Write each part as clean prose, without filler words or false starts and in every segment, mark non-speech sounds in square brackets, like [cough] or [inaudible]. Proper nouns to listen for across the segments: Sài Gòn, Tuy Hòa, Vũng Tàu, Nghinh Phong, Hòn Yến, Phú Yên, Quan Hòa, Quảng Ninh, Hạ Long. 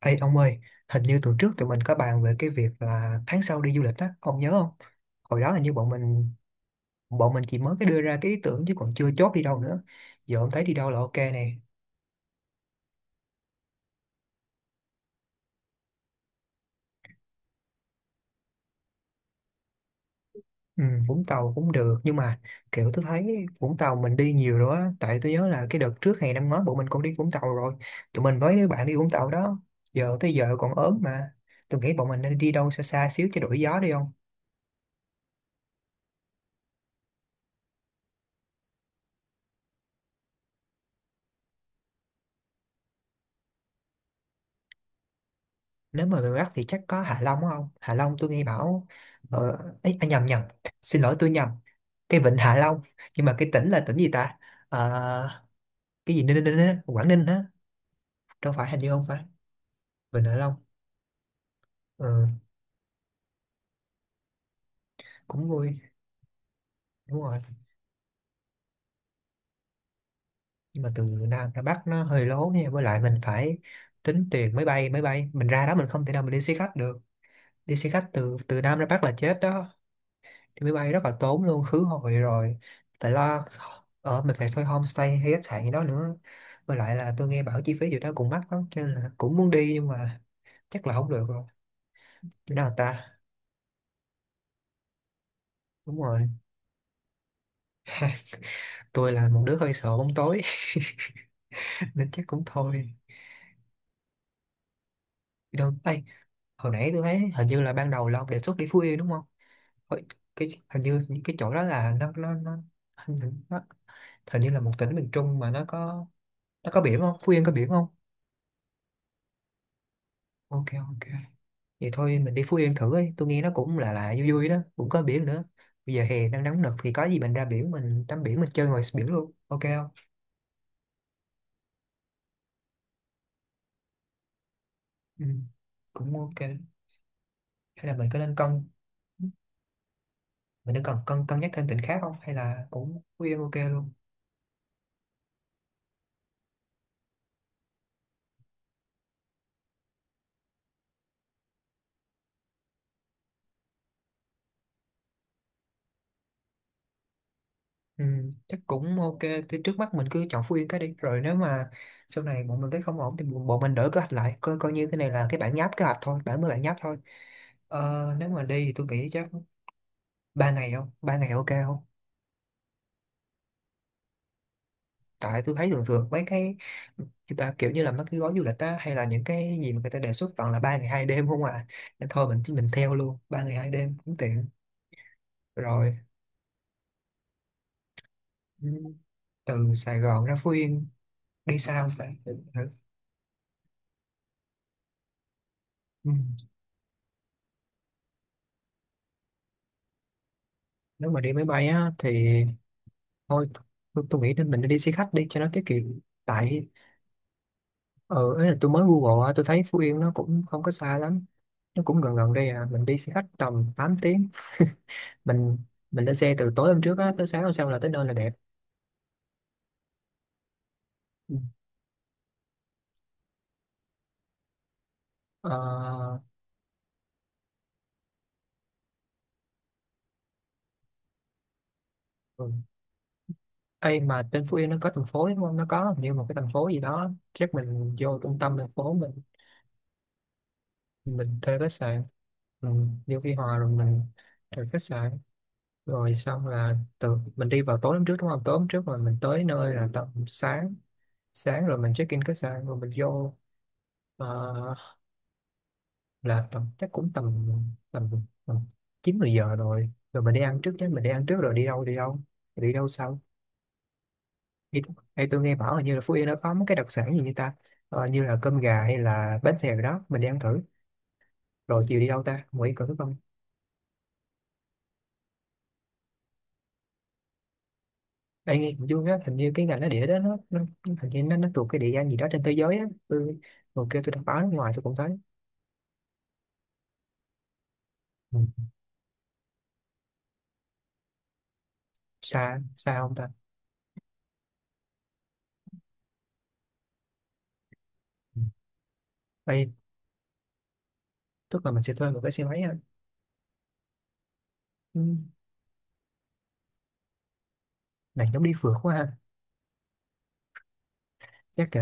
Ê ông ơi, hình như tuần trước tụi mình có bàn về cái việc là tháng sau đi du lịch á, ông nhớ không? Hồi đó hình như bọn mình chỉ mới cái đưa ra cái ý tưởng chứ còn chưa chốt đi đâu nữa. Giờ ông thấy đi đâu là ok nè. Ừ, Vũng Tàu cũng được nhưng mà kiểu tôi thấy Vũng Tàu mình đi nhiều rồi á, tại tôi nhớ là cái đợt trước hè năm ngoái bọn mình cũng đi Vũng Tàu rồi. Tụi mình với đứa bạn đi Vũng Tàu đó, giờ tới giờ còn ớn mà. Tôi nghĩ bọn mình nên đi đâu xa xa xíu cho đổi gió đi. Nếu mà người Bắc thì chắc có Hạ Long đúng không, Hạ Long tôi nghe bảo ờ, ấy, à, nhầm nhầm xin lỗi tôi nhầm, cái vịnh Hạ Long, nhưng mà cái tỉnh là tỉnh gì ta? Ờ, cái gì Ninh, Ninh á, Quảng Ninh á, đâu phải, hình như không phải vịnh Hạ Long. Ờ, cũng vui, đúng rồi. Nhưng mà từ Nam ra Bắc nó hơi lố nha, với lại mình phải tính tiền máy bay, máy bay mình ra đó, mình không thể nào mình đi xe khách được. Đi xe khách từ từ Nam ra Bắc là chết đó. Đi máy bay rất là tốn luôn, khứ hồi rồi, tại lo ở mình phải thuê homestay hay khách sạn gì đó nữa, với lại là tôi nghe bảo chi phí gì đó cũng mắc lắm, cho nên là cũng muốn đi nhưng mà chắc là không được rồi. Chỗ nào ta? Đúng rồi. [laughs] Tôi là một đứa hơi sợ bóng tối. [laughs] Nên chắc cũng thôi. Đi đâu? Ê, hồi nãy tôi thấy hình như là ban đầu là ông đề xuất đi Phú Yên đúng không? Hồi- cái hình như những cái chỗ đó là nó hình như, nó hình như là một tỉnh miền Trung mà nó có, nó có biển không, Phú Yên có biển không? Ok, ok. Vậy thôi mình đi Phú Yên thử ấy, tôi nghe nó cũng là vui vui đó, cũng có biển nữa. Bây giờ hè đang nóng nực thì có gì mình ra biển, mình tắm biển, mình chơi ngoài biển luôn, ok không? Ừ, cũng ok. Hay là mình có nên cân, Mình nên cần cân cân nhắc thêm tỉnh khác không? Hay là cũng Phú Yên ok luôn? Ừ, chắc cũng ok. Thì trước mắt mình cứ chọn Phú Yên cái đi. Rồi nếu mà sau này bọn mình thấy không ổn thì bọn bọn mình đổi kế hoạch lại, coi coi như cái này là cái bản nháp kế hoạch thôi, bản nháp thôi. Ờ, nếu mà đi thì tôi nghĩ chắc ba ngày không? Ba ngày ok không? Tại tôi thấy thường thường mấy cái người ta kiểu như là mấy cái gói du lịch á hay là những cái gì mà người ta đề xuất toàn là ba ngày hai đêm không à, nên thôi mình theo luôn ba ngày hai đêm cũng tiện. Rồi, ừ, từ Sài Gòn ra Phú Yên đi sao ta? Để thử. Ừ. Nếu mà đi máy bay á thì thôi, tôi nghĩ nên mình nên đi xe khách đi cho nó tiết kiệm. Tại ờ ấy là tôi mới Google á, tôi thấy Phú Yên nó cũng không có xa lắm, nó cũng gần gần đây à, mình đi xe khách tầm tám tiếng. [laughs] mình mình lên xe từ tối hôm trước á, tới sáng hôm sau là tới nơi là đẹp. Ừ. Ờ, ừ. Ê, mà trên Phú Yên nó có thành phố đúng không? Nó có như một cái thành phố gì đó. Chắc mình vô trung tâm thành phố mình thuê khách sạn. Ừ. Vô Tuy Hòa rồi mình thuê khách sạn. Rồi xong là từ mình đi vào tối hôm trước đúng không? Tối hôm trước rồi mình tới nơi là tầm sáng. Sáng rồi mình check in khách sạn rồi mình vô ờ, là tầm chắc cũng tầm tầm, tầm 9 10 giờ rồi. Rồi mình đi ăn trước chứ, mình đi ăn trước rồi đi đâu. Đi đâu sau? Thì, thì tôi nghe bảo là như là Phú Yên nó có mấy cái đặc sản gì như ta, ờ, như là cơm gà hay là bánh xèo đó, mình đi ăn thử. Rồi chiều đi đâu ta, Nguyễn Cửu không? Ê, nghe cũng vui á, hình như cái ngành nó địa đó nó hình như nó thuộc cái địa danh gì đó trên thế giới á, tôi hồi kia tôi đọc báo nước ngoài tôi cũng thấy. Ừ. Xa xa không ta? Ừ. Ê, tức là mình sẽ thuê một cái xe máy ha? Ừ. Này giống đi phượt quá ha. Chắc kệ.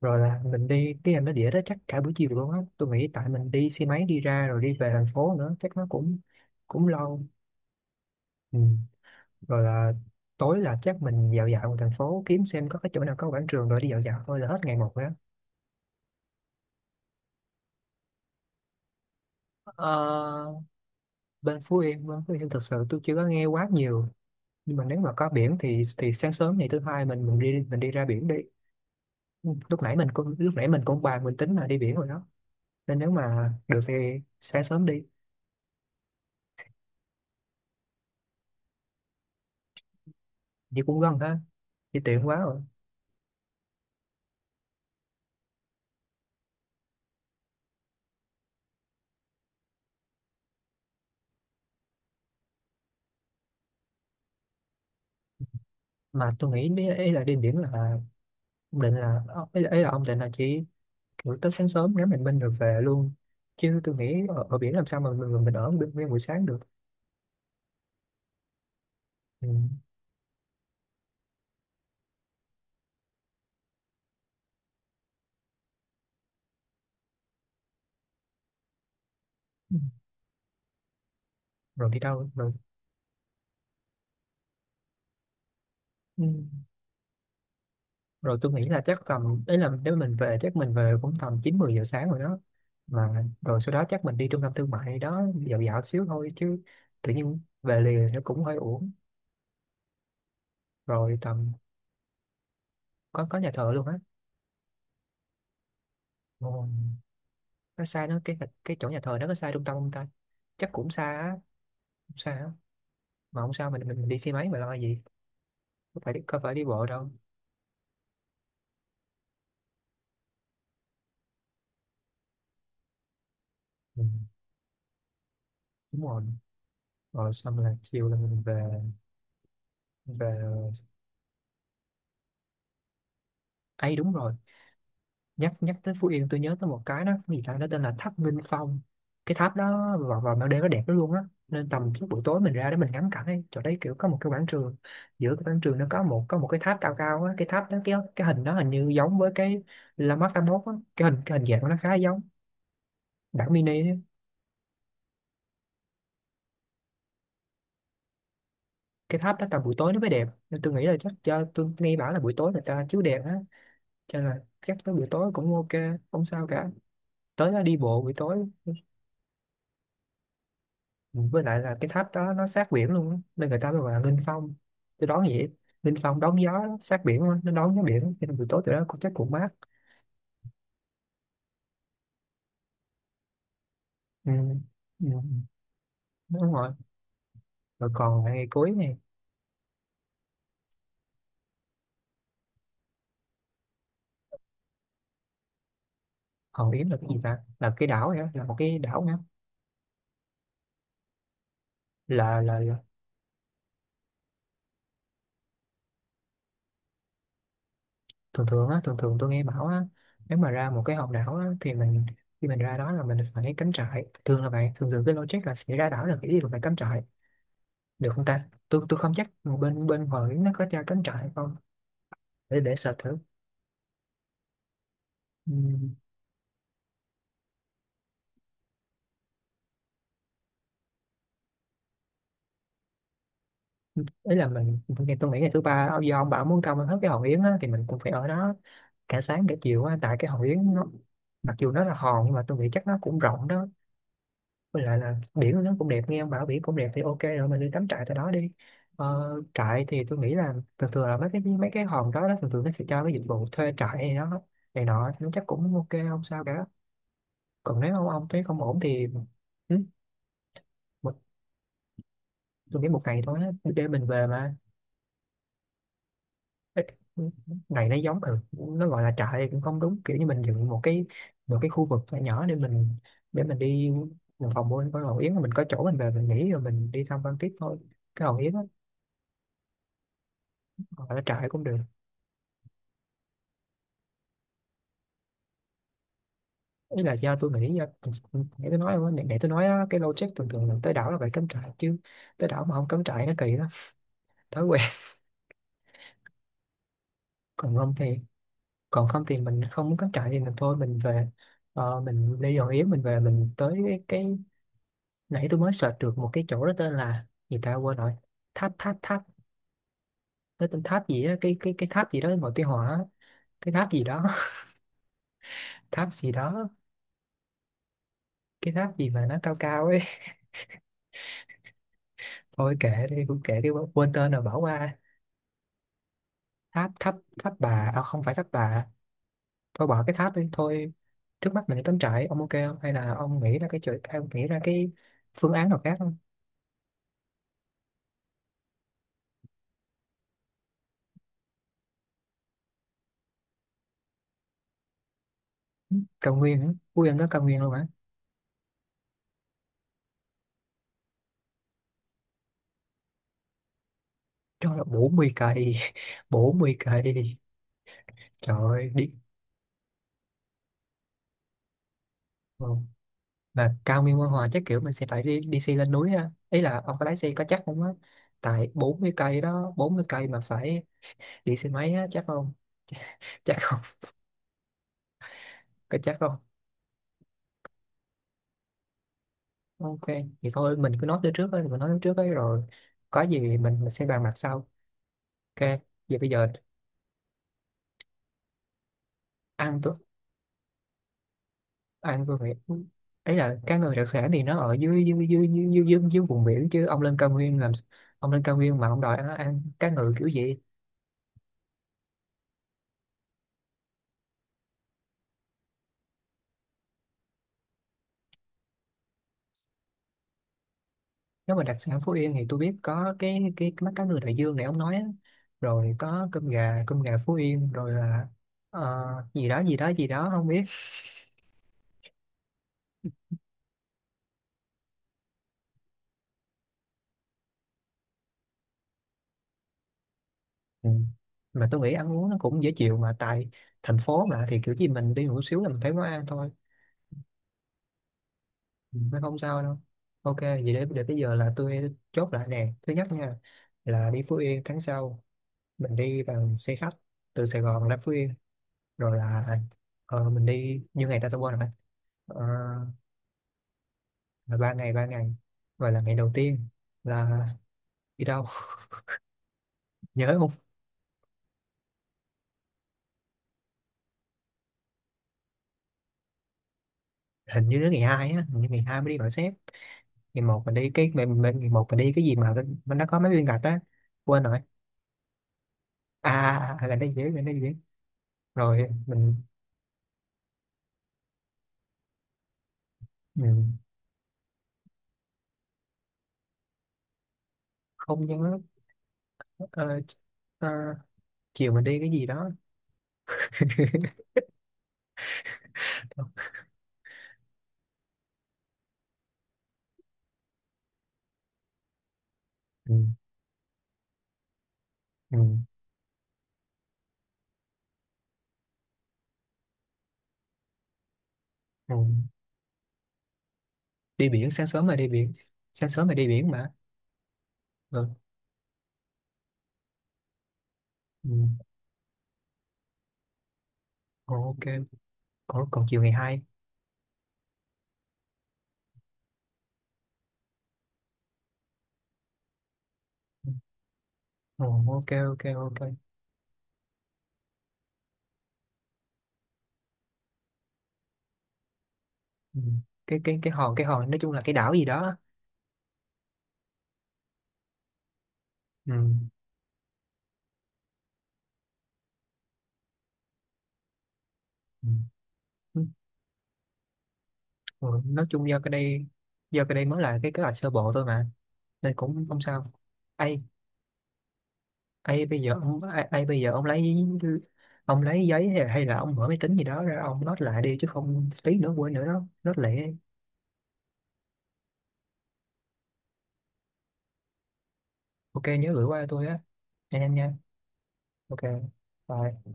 Rồi là mình đi cái ngành nó địa đó chắc cả buổi chiều luôn á, tôi nghĩ tại mình đi xe máy đi ra rồi đi về thành phố nữa chắc nó cũng cũng lâu. Ừ. Rồi là tối là chắc mình dạo dạo một thành phố kiếm xem có cái chỗ nào có quảng trường rồi đi dạo dạo thôi là hết ngày một rồi đó. Ờ, bên Phú Yên thực sự tôi chưa có nghe quá nhiều, nhưng mà nếu mà có biển thì sáng sớm ngày thứ hai mình đi mình đi ra biển đi. Lúc nãy mình cũng lúc nãy mình cũng bàn mình tính là đi biển rồi đó, nên nếu mà được thì sáng sớm đi thì cũng gần ha, thì tiện quá rồi. Mà tôi nghĩ ý là đi biển là ông định là ý là ông định là chỉ buổi tới sáng sớm ngắm bình minh rồi về luôn, chứ tôi nghĩ ở biển làm sao mà mình ở nguyên nguyên buổi sáng được. Ừ. Ừ. Rồi đi đâu rồi. Ừ. Rồi tôi nghĩ là chắc tầm đấy là nếu mình về chắc mình về cũng tầm chín mười giờ sáng rồi đó mà. Rồi sau đó chắc mình đi trung tâm thương mại gì đó dạo dạo xíu thôi chứ tự nhiên về liền nó cũng hơi uổng. Rồi tầm có nhà thờ luôn á? Ồ, nó xa nó cái chỗ nhà thờ nó có xa trung tâm không ta? Chắc cũng xa á, cũng xa á. Mà không sao, mình đi xe máy mà lo gì, có phải đi bộ đâu. Ừ, đúng rồi. Rồi xong là chiều là mình về, về ấy đúng rồi. Nhắc nhắc tới Phú Yên tôi nhớ tới một cái đó, cái gì ta, nó tên là tháp Nghinh Phong. Cái tháp đó vào vào ban đêm nó đẹp lắm luôn á, nên tầm lúc buổi tối mình ra để mình ngắm cảnh ấy. Chỗ đấy kiểu có một cái quảng trường, giữa cái quảng trường nó có một cái tháp cao cao á. Cái tháp đó cái hình giống với cái La Mát 81 á, cái hình dạng của nó khá giống bản mini á. Cái tháp đó tầm buổi tối nó mới đẹp nên tôi nghĩ là chắc cho, tôi nghe bảo là buổi tối người ta chiếu đèn á, cho nên là chắc tới buổi tối cũng ok, không sao cả, tới đó đi bộ buổi tối. Với lại là cái tháp đó nó sát biển luôn á, nên người ta mới gọi là nghênh phong, tôi đoán vậy. Nghênh phong đón gió sát biển á, nó đón gió biển cho nên buổi tối tụi nó cũng chắc cũng mát. Ừ. Ừ. Đúng rồi. Rồi còn lại ngày cuối này. Hòn Yến là cái gì ta, là cái đảo vậy á, là một cái đảo nữa? Là thường thường á Thường thường tôi nghe bảo á, nếu mà ra một cái hòn đảo á, thì mình khi mình ra đó là mình phải cắm trại, thường là vậy. Thường thường cái logic là sẽ ra đảo là cái ý là phải cắm trại. Được không ta? Tôi không chắc bên bên Hòn Yến nó có cho cắm trại không, để sợ thử. Ừm, ý là mình tôi nghĩ ngày thứ ba do ông bảo muốn công hết cái Hòn Yến á, thì mình cũng phải ở đó cả sáng cả chiều á, tại cái Hòn Yến nó, mặc dù nó là hòn nhưng mà tôi nghĩ chắc nó cũng rộng đó. Với lại là biển nó cũng đẹp, nghe ông bảo biển cũng đẹp thì ok rồi, mình đi cắm trại tại đó đi. Ờ, trại thì tôi nghĩ là thường thường là mấy cái hòn đó thường thường nó sẽ cho cái dịch vụ thuê trại hay đó này nọ, thì nó chắc cũng ok không sao cả. Còn nếu ông thấy không ổn thì... Ừ. một, tôi nghĩ một ngày thôi á, để mình về mà. Ê, này nó giống nó gọi là trại thì cũng không đúng, kiểu như mình dựng một cái khu vực nhỏ nhỏ để mình đi một phòng mua có Hòn Yến, rồi mình có chỗ mình về mình nghỉ rồi mình đi thăm quan tiếp thôi cái Hòn Yến á. Gọi là trại cũng được. Ý là do tôi nghĩ do để tôi nói á, cái logic thường thường là tới đảo là phải cắm trại chứ. Tới đảo mà không cắm trại nó kỳ đó. Thói quen. [laughs] Còn không thì... mình không muốn cắm trại thì mình thôi, mình về. Ờ, mình đi Hòn Yến mình về, mình tới cái nãy tôi mới search được một cái chỗ đó tên là gì ta, quên rồi. Tháp tháp tháp nó tên tháp gì á, cái tháp gì đó màu tí hỏa á. Cái tháp gì đó. [laughs] Tháp gì đó. Cái tháp gì mà nó cao cao ấy. [laughs] Thôi kệ đi, cũng kệ đi, quên tên rồi, bỏ qua. Tháp tháp Tháp Bà. À, không phải Tháp Bà. Thôi bỏ cái tháp đi thôi. Trước mắt mình đi cắm trại, ông ok không? Hay là ông nghĩ ra cái phương án nào khác không? Cao nguyên á? Ui, ăn có cao nguyên luôn hả? Trời ơi, 40 cây. [laughs] 40 cây. Trời ơi, đi. Ừ. Mà cao nguyên Quan Hòa chắc kiểu mình sẽ phải đi xe lên núi ha, ý là ông có lái xe có chắc không á, tại 40 cây đó, 40 cây mà phải đi xe máy á, chắc không? [laughs] Chắc không? Có chắc không? Ok thì thôi, mình cứ nói tới trước ấy, mình nói tới trước ấy rồi có gì mình sẽ bàn bạc sau. Ok vậy bây giờ... ăn tôi ăn tôi phải... ấy là cá ngừ đặc sản thì nó ở dưới dưới dưới dưới dưới, dưới vùng biển chứ. Ông lên cao nguyên làm ông lên cao nguyên mà ông đòi ăn cá ngừ kiểu gì? Nếu mà đặc sản Phú Yên thì tôi biết có cái mắt cá ngừ đại dương này ông nói á. Rồi có cơm gà, cơm gà Phú Yên, rồi là ờ, gì đó gì đó gì đó không biết. Ừ. Mà tôi nghĩ ăn uống nó cũng dễ chịu mà, tại thành phố mà thì kiểu gì mình đi một xíu là mình thấy món ăn thôi. Ừ, nó không sao đâu. Ok vậy để bây giờ là tôi chốt lại nè, thứ nhất nha, là đi Phú Yên tháng sau, mình đi bằng xe khách từ Sài Gòn ra Phú Yên, rồi là mình đi như ngày ta, tôi quên rồi. Ờ, là ba ngày, gọi là ngày đầu tiên là đi đâu? [laughs] Nhớ không? Hình như đến ngày hai á, hình như ngày hai mới đi gọi sếp. Ngày một mình đi cái gì mà nó có mấy viên gạch á, quên rồi. À, là nó dễ. Rồi mình không nhớ. Ờ, ờ, chiều mình đi cái gì đó. [laughs] ừ, ừ. Ừ. đi biển sáng sớm mà đi biển sáng sớm mà đi biển mà. Ừ. Ừ. Ồ, ok. Còn chiều ngày hai? Ừ. Ồ, ok ok ok. Ừ. cái hòn nói chung là cái đảo gì đó. Ừ. Ừ. Ừ. Nói chung do cái đây mới là cái kế hoạch sơ bộ thôi mà, nên cũng không sao. Ai? Ai bây giờ ông ai, ai bây giờ ông lấy giấy hay là ông mở máy tính gì đó ra, ông note lại đi, chứ không tí nữa quên nữa đó, note lại. Ok nhớ gửi qua cho tôi á, nhanh nhanh nha. Ok, bye.